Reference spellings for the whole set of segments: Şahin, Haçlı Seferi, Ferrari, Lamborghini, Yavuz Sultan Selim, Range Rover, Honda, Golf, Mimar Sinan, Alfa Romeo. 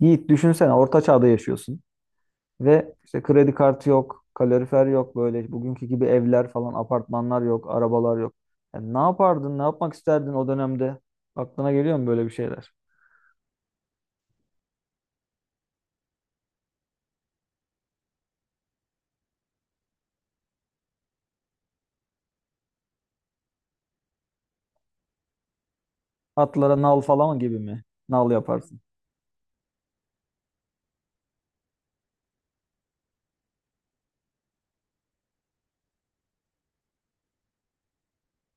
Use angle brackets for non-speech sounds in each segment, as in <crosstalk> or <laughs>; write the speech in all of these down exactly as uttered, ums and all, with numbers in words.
Yiğit düşünsene orta çağda yaşıyorsun ve işte kredi kartı yok, kalorifer yok böyle bugünkü gibi evler falan, apartmanlar yok, arabalar yok. Yani ne yapardın, ne yapmak isterdin o dönemde? Aklına geliyor mu böyle bir şeyler? Atlara nal falan gibi mi? Nal yaparsın.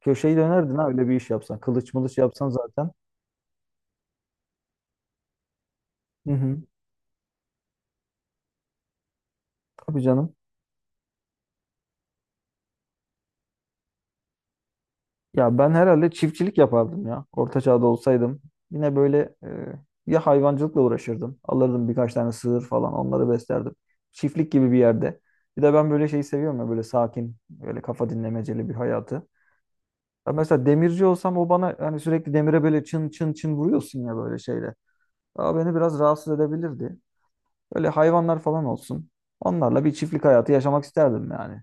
Köşeyi dönerdin ha öyle bir iş yapsan. Kılıç mılıç yapsan zaten. Hı hı. Tabii canım. Ya ben herhalde çiftçilik yapardım ya. Orta çağda olsaydım. Yine böyle e, ya hayvancılıkla uğraşırdım. Alırdım birkaç tane sığır falan onları beslerdim. Çiftlik gibi bir yerde. Bir de ben böyle şeyi seviyorum ya böyle sakin, böyle kafa dinlemeceli bir hayatı. Ya mesela demirci olsam o bana hani sürekli demire böyle çın çın çın vuruyorsun ya böyle şeyle. Aa, beni biraz rahatsız edebilirdi. Böyle hayvanlar falan olsun. Onlarla bir çiftlik hayatı yaşamak isterdim yani.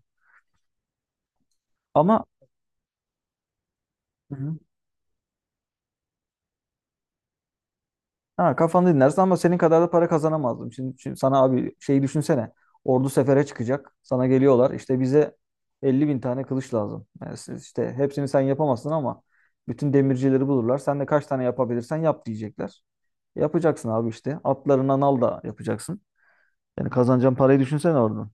Ama. Hı. Ha, kafanı dinlersin ama senin kadar da para kazanamazdım. Şimdi, şimdi sana abi şeyi düşünsene. Ordu sefere çıkacak. Sana geliyorlar. İşte bize elli bin tane kılıç lazım. Yani siz işte hepsini sen yapamazsın ama bütün demircileri bulurlar. Sen de kaç tane yapabilirsen yap diyecekler. Yapacaksın abi işte. Atlarına al da yapacaksın. Yani kazanacağın parayı düşünsene oradan.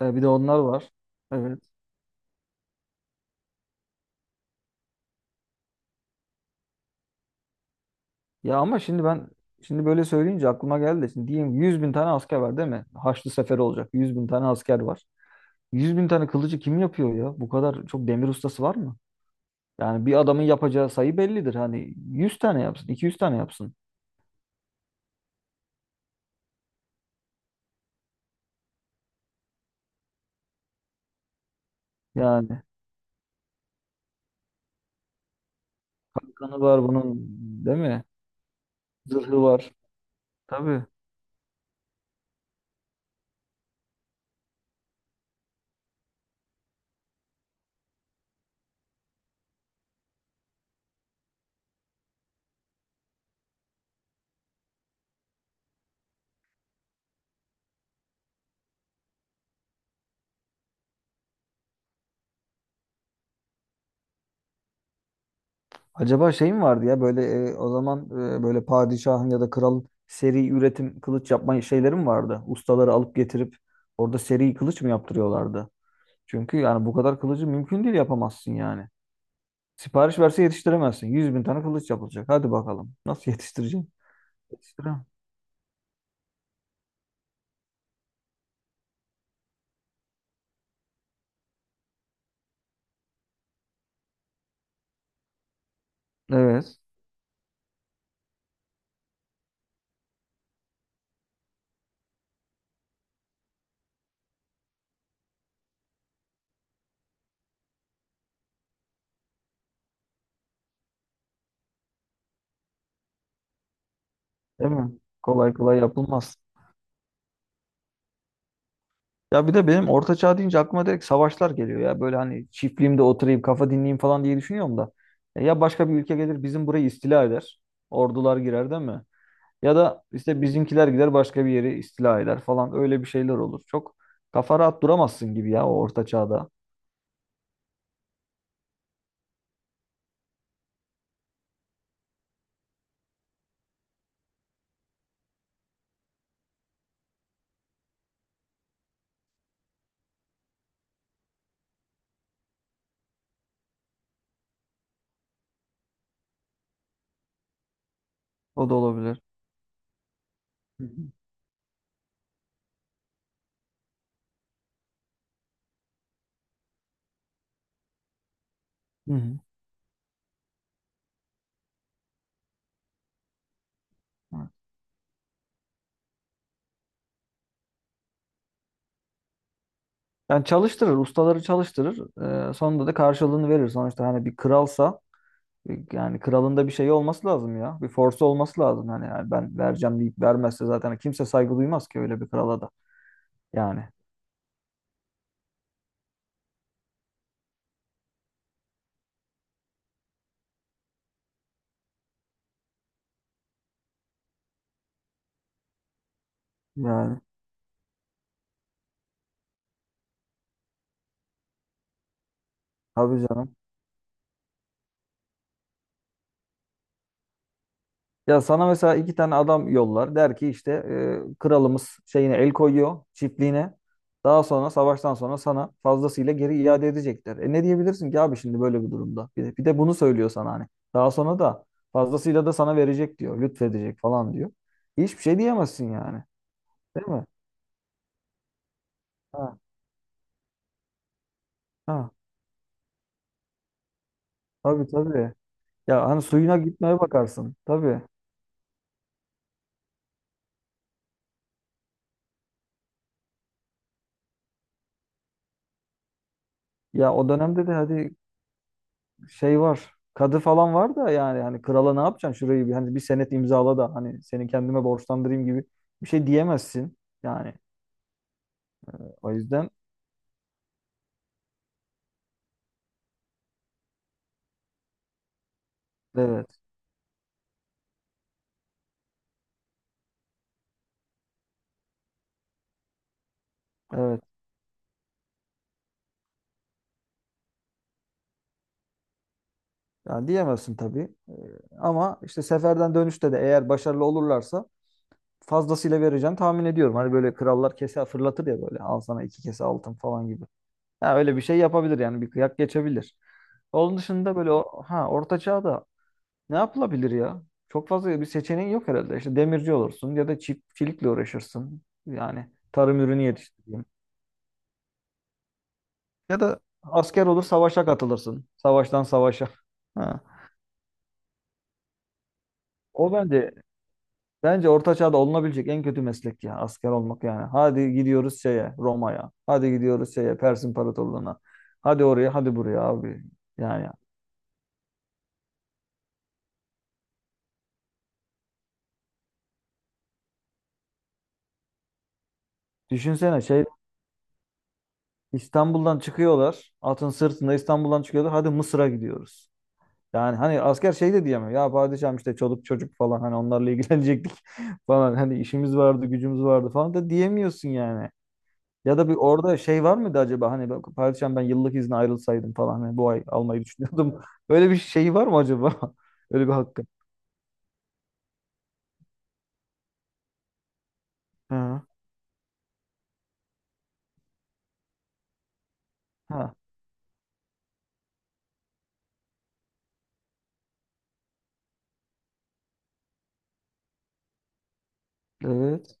E, bir de onlar var. Evet. Ya ama şimdi ben, şimdi böyle söyleyince aklıma geldi. Şimdi diyeyim yüz bin tane asker var değil mi? Haçlı Seferi olacak. yüz bin tane asker var. yüz bin tane kılıcı kim yapıyor ya? Bu kadar çok demir ustası var mı? Yani bir adamın yapacağı sayı bellidir. Hani yüz tane yapsın, iki yüz tane yapsın. Yani kanı var bunun değil mi? Zırhı var. Tabii. Acaba şey mi vardı ya böyle e, o zaman e, böyle padişahın ya da kralın seri üretim kılıç yapma şeyleri mi vardı? Ustaları alıp getirip orada seri kılıç mı yaptırıyorlardı? Çünkü yani bu kadar kılıcı mümkün değil yapamazsın yani. Sipariş verse yetiştiremezsin. yüz bin tane kılıç yapılacak. Hadi bakalım. Nasıl <laughs> yetiştireceksin? Yetiştiremem. Evet. Değil mi? Kolay kolay yapılmaz. Ya bir de benim orta çağ deyince aklıma direkt savaşlar geliyor ya. Böyle hani çiftliğimde oturayım, kafa dinleyeyim falan diye düşünüyorum da. E, Ya başka bir ülke gelir bizim burayı istila eder. Ordular girer değil mi? Ya da işte bizimkiler gider başka bir yeri istila eder falan. Öyle bir şeyler olur. Çok kafa rahat duramazsın gibi ya o orta çağda. O da olabilir. Hı hı. Hı hı. Evet. Yani çalıştırır, ustaları çalıştırır. Ee, sonunda da karşılığını verir. Sonuçta hani bir kralsa. Yani kralında bir şey olması lazım ya. Bir force olması lazım. Hani yani ben vereceğim deyip vermezse zaten kimse saygı duymaz ki öyle bir krala da. Yani. Yani. Tabii canım. Ya sana mesela iki tane adam yollar. Der ki işte e, kralımız şeyine el koyuyor. Çiftliğine. Daha sonra savaştan sonra sana fazlasıyla geri iade edecekler. E ne diyebilirsin ki abi şimdi böyle bir durumda? Bir de, bir de bunu söylüyor sana hani. Daha sonra da fazlasıyla da sana verecek diyor. Lütfedecek falan diyor. Hiçbir şey diyemezsin yani. Değil mi? Ha. Ha. Tabii tabii. Ya hani suyuna gitmeye bakarsın. Tabii. Ya o dönemde de hadi şey var. Kadı falan var da yani hani krala ne yapacaksın şurayı bir hani bir senet imzala da hani seni kendime borçlandırayım gibi bir şey diyemezsin. Yani o yüzden evet evet yani diyemezsin tabii. Ee, ama işte seferden dönüşte de eğer başarılı olurlarsa fazlasıyla vereceğini tahmin ediyorum. Hani böyle krallar kese fırlatır ya böyle al sana iki kese altın falan gibi. Ya öyle bir şey yapabilir yani bir kıyak geçebilir. Onun dışında böyle o- ha orta çağda. Ne yapılabilir ya? Çok fazla bir seçeneğin yok herhalde. İşte demirci olursun ya da çiftçilikle uğraşırsın. Yani tarım ürünü yetiştireyim. Ya da asker olur savaşa katılırsın. Savaştan savaşa. Ha. O bence bence orta çağda olunabilecek en kötü meslek ya asker olmak yani. Hadi gidiyoruz şeye Roma'ya. Hadi gidiyoruz şeye Pers İmparatorluğu'na. Hadi oraya hadi buraya abi. Yani düşünsene şey, İstanbul'dan çıkıyorlar. Atın sırtında İstanbul'dan çıkıyorlar. Hadi Mısır'a gidiyoruz. Yani hani asker şey de diyemiyor. Ya padişahım işte çoluk çocuk falan hani onlarla ilgilenecektik <laughs> falan. Hani işimiz vardı, gücümüz vardı falan da diyemiyorsun yani. Ya da bir orada şey var mıydı acaba hani ben- padişahım ben yıllık izne ayrılsaydım falan hani bu ay almayı düşünüyordum. <laughs> Böyle bir şey var mı acaba? <laughs> Öyle bir hakkı. Ha. Ha. Evet.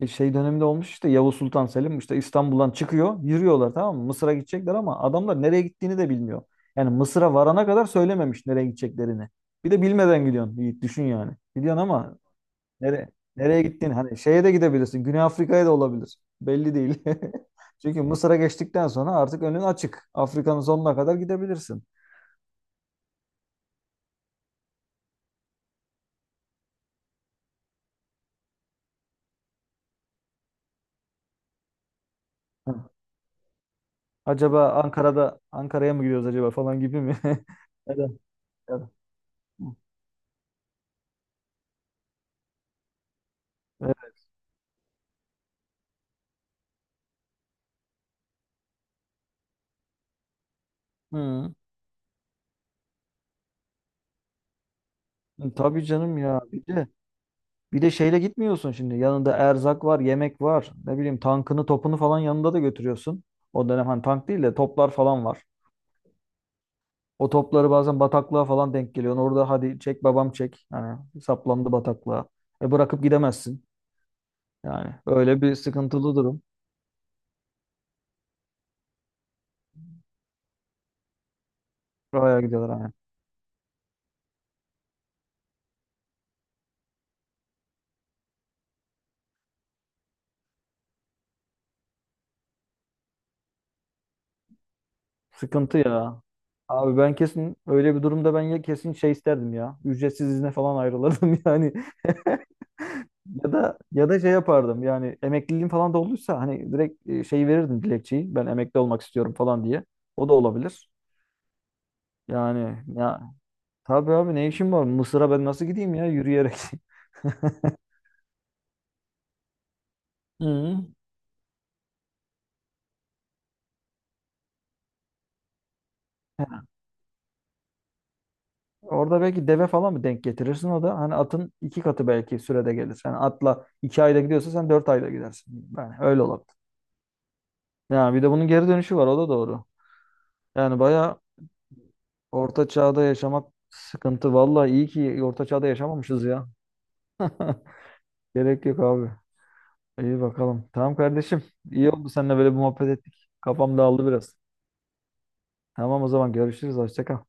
E, şey döneminde olmuş işte Yavuz Sultan Selim işte İstanbul'dan çıkıyor yürüyorlar tamam mı? Mısır'a gidecekler ama adamlar nereye gittiğini de bilmiyor. Yani Mısır'a varana kadar söylememiş nereye gideceklerini. Bir de bilmeden gidiyorsun Yiğit düşün yani. Gidiyorsun ama nereye nereye gittiğini hani şeye de gidebilirsin. Güney Afrika'ya da olabilir. Belli değil. <laughs> Çünkü Mısır'a geçtikten sonra artık önün açık. Afrika'nın sonuna kadar gidebilirsin. Hı. Acaba Ankara'da Ankara'ya mı gidiyoruz acaba falan gibi mi? <laughs> Ya da- ya da- Hı. Hı. Tabii canım ya. Bir de Bir de şeyle gitmiyorsun şimdi. Yanında erzak var, yemek var. Ne bileyim tankını, topunu falan yanında da götürüyorsun. O dönem hani tank değil de toplar falan var. O topları bazen bataklığa falan denk geliyorsun. Orada hadi çek babam çek. Hani saplandı bataklığa. E bırakıp gidemezsin. Yani öyle bir sıkıntılı durum. Oraya gidiyorlar hani. Sıkıntı ya. Abi ben kesin öyle bir durumda ben ya kesin şey isterdim ya. Ücretsiz izne falan ayrılırdım <laughs> yani. Ya da ya da şey yapardım yani emekliliğim falan da olduysa hani direkt e, şey verirdim dilekçeyi ben emekli olmak istiyorum falan diye. O da olabilir. Yani ya tabii abi ne işim var Mısır'a ben nasıl gideyim ya yürüyerek. <laughs> Hı. Orada belki deve falan mı denk getirirsin o da hani atın iki katı belki sürede gelir. Yani atla iki ayda gidiyorsa sen dört ayda gidersin. Yani öyle olabilir. Yani bir de bunun geri dönüşü var o da doğru. Yani baya orta çağda yaşamak sıkıntı. Vallahi iyi ki orta çağda yaşamamışız ya. <laughs> Gerek yok abi. İyi bakalım. Tamam kardeşim. İyi oldu seninle böyle bir muhabbet ettik. Kafam dağıldı biraz. Tamam o zaman görüşürüz. Hoşça kal.